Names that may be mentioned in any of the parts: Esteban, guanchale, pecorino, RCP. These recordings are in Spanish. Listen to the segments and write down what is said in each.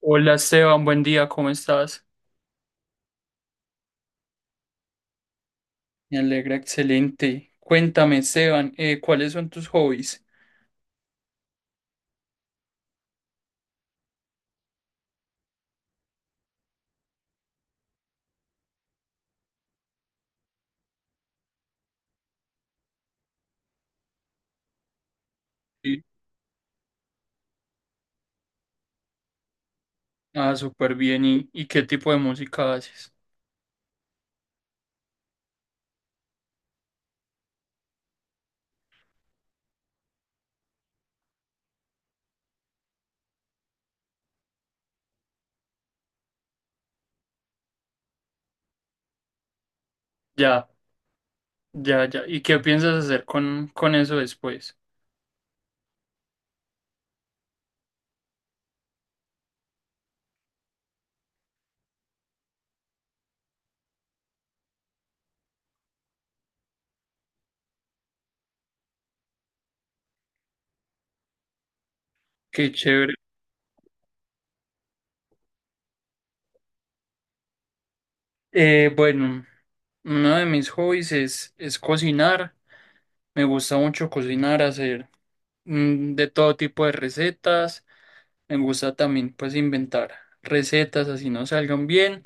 Hola Esteban, buen día, ¿cómo estás? Me alegra, excelente. Cuéntame, Esteban, ¿cuáles son tus hobbies? Sí. Ah, súper bien. ¿Y qué tipo de música haces? Ya, ya, ya. ¿Y qué piensas hacer con, eso después? Qué chévere. Bueno, uno de mis hobbies es cocinar. Me gusta mucho cocinar, hacer de todo tipo de recetas. Me gusta también pues inventar recetas así no salgan bien,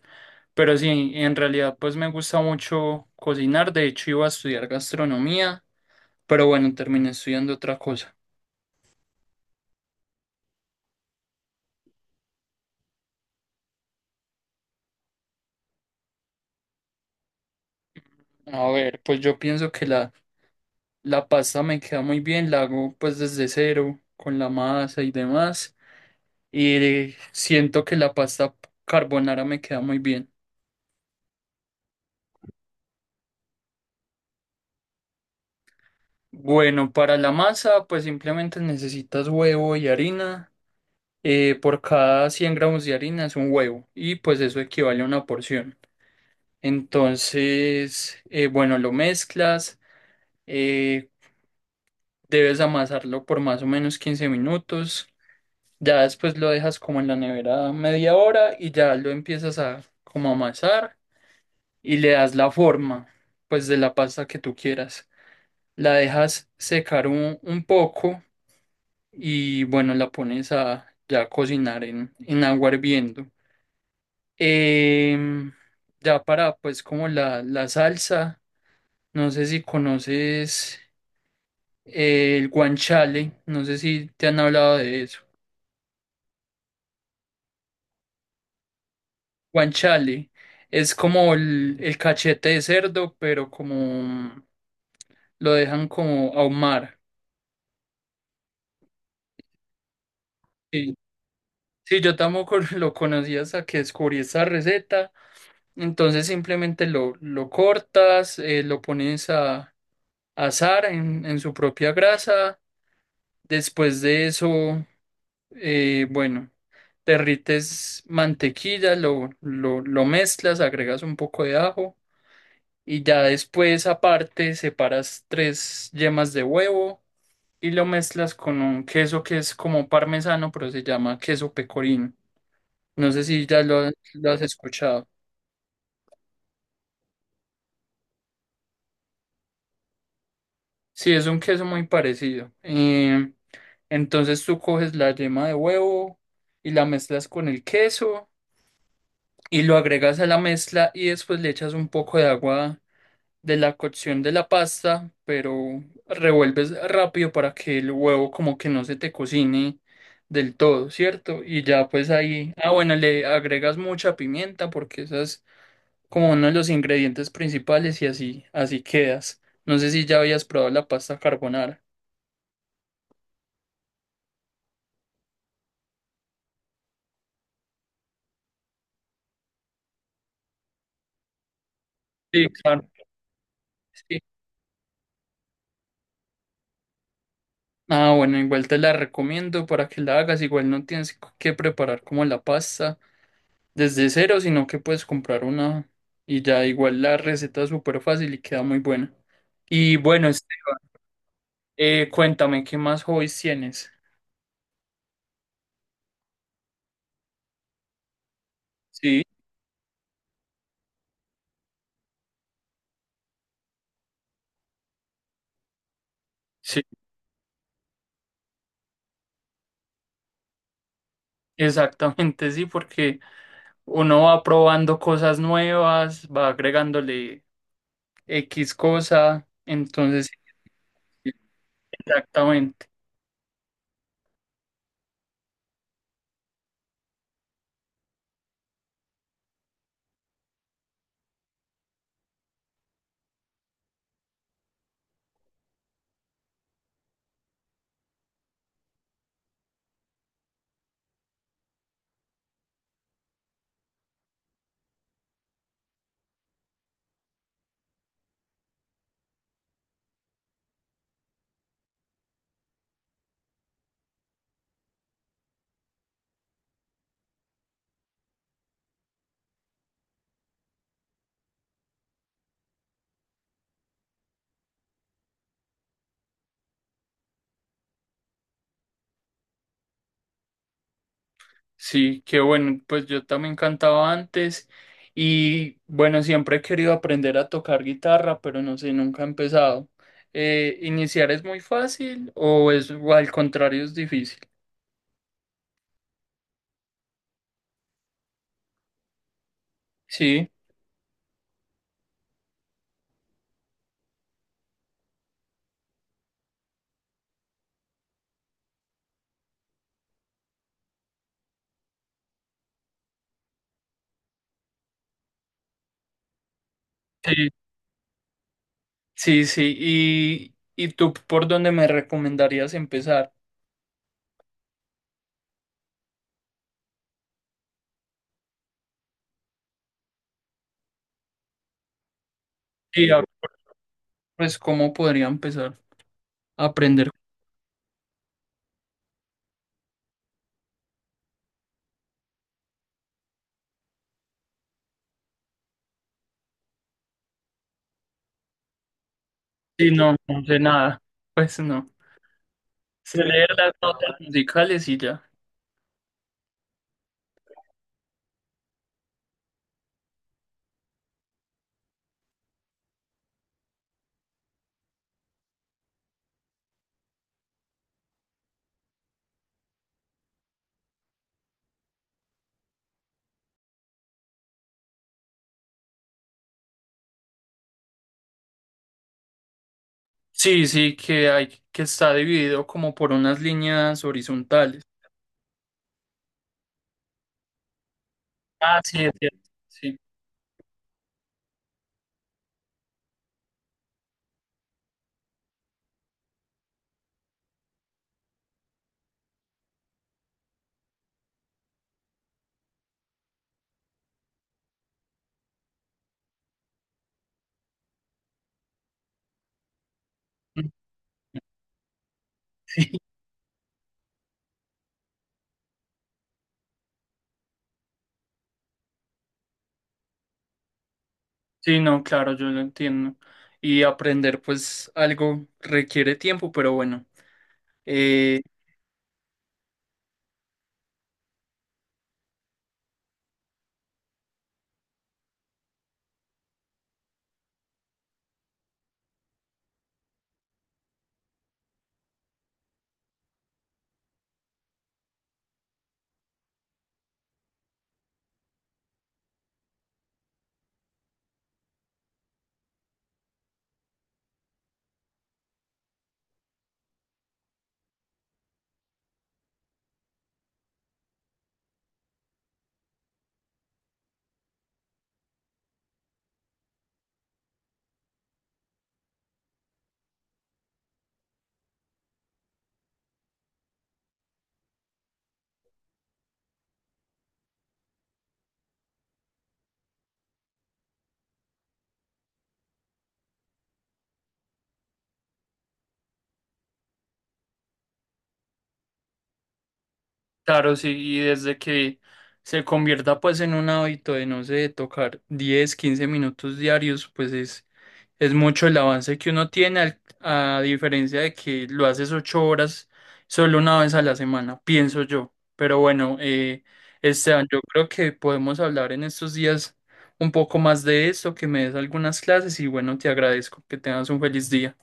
pero sí, en realidad pues me gusta mucho cocinar. De hecho, iba a estudiar gastronomía, pero bueno, terminé estudiando otra cosa. A ver, pues yo pienso que la pasta me queda muy bien, la hago pues desde cero con la masa y demás, y siento que la pasta carbonara me queda muy bien. Bueno, para la masa pues simplemente necesitas huevo y harina. Por cada 100 gramos de harina es un huevo y pues eso equivale a una porción. Entonces, bueno, lo mezclas, eh, debes amasarlo por más o menos 15 minutos, ya después lo dejas como en la nevera media hora y ya lo empiezas a como amasar y le das la forma pues de la pasta que tú quieras. La dejas secar un, poco y bueno, la pones a ya cocinar en, agua hirviendo. Em, ya para pues como la salsa, no sé si conoces el guanchale, no sé si te han hablado de eso. Guanchale es como el cachete de cerdo, pero como lo dejan como ahumar. Sí, sí, yo tampoco lo conocía hasta que descubrí esa receta. Entonces simplemente lo, cortas, lo pones a asar en su propia grasa. Después de eso, bueno, derrites mantequilla, lo mezclas, agregas un poco de ajo y ya después aparte separas tres yemas de huevo y lo mezclas con un queso que es como parmesano, pero se llama queso pecorino. No sé si ya lo has escuchado. Sí, es un queso muy parecido. Entonces tú coges la yema de huevo y la mezclas con el queso y lo agregas a la mezcla y después le echas un poco de agua de la cocción de la pasta, pero revuelves rápido para que el huevo como que no se te cocine del todo, ¿cierto? Y ya pues ahí, ah, bueno, le agregas mucha pimienta porque esa es como uno de los ingredientes principales y así, así quedas. No sé si ya habías probado la pasta carbonara. Sí, claro. Sí. Ah, bueno, igual te la recomiendo para que la hagas, igual no tienes que preparar como la pasta desde cero, sino que puedes comprar una y ya igual la receta es súper fácil y queda muy buena. Y bueno, este, cuéntame, ¿qué más hobbies tienes? Sí, sí, exactamente, sí, porque uno va probando cosas nuevas, va agregándole X cosa, entonces, sí, exactamente. Sí, qué bueno, pues yo también cantaba antes y bueno, siempre he querido aprender a tocar guitarra, pero no sé, nunca he empezado. ¿Iniciar es muy fácil o es o al contrario es difícil? Sí, sí, sí, sí. ¿Y tú por dónde me recomendarías empezar? Y a- pues cómo podría empezar a aprender. Sí, no, no sé nada, pues no. Sé leer las notas musicales y ya. Sí, sí, que está dividido como por unas líneas horizontales. Ah, sí, es cierto. Sí. Sí, sí, no, claro, yo lo entiendo. Y aprender, pues, algo requiere tiempo, pero bueno. Eh, claro, sí, y desde que se convierta, pues, en un hábito de, no sé, tocar 10, 15 minutos diarios, pues es mucho el avance que uno tiene, a diferencia de que lo haces 8 horas solo una vez a la semana, pienso yo. Pero bueno, Esteban, yo creo que podemos hablar en estos días un poco más de esto, que me des algunas clases y bueno, te agradezco que tengas un feliz día.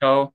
Chao.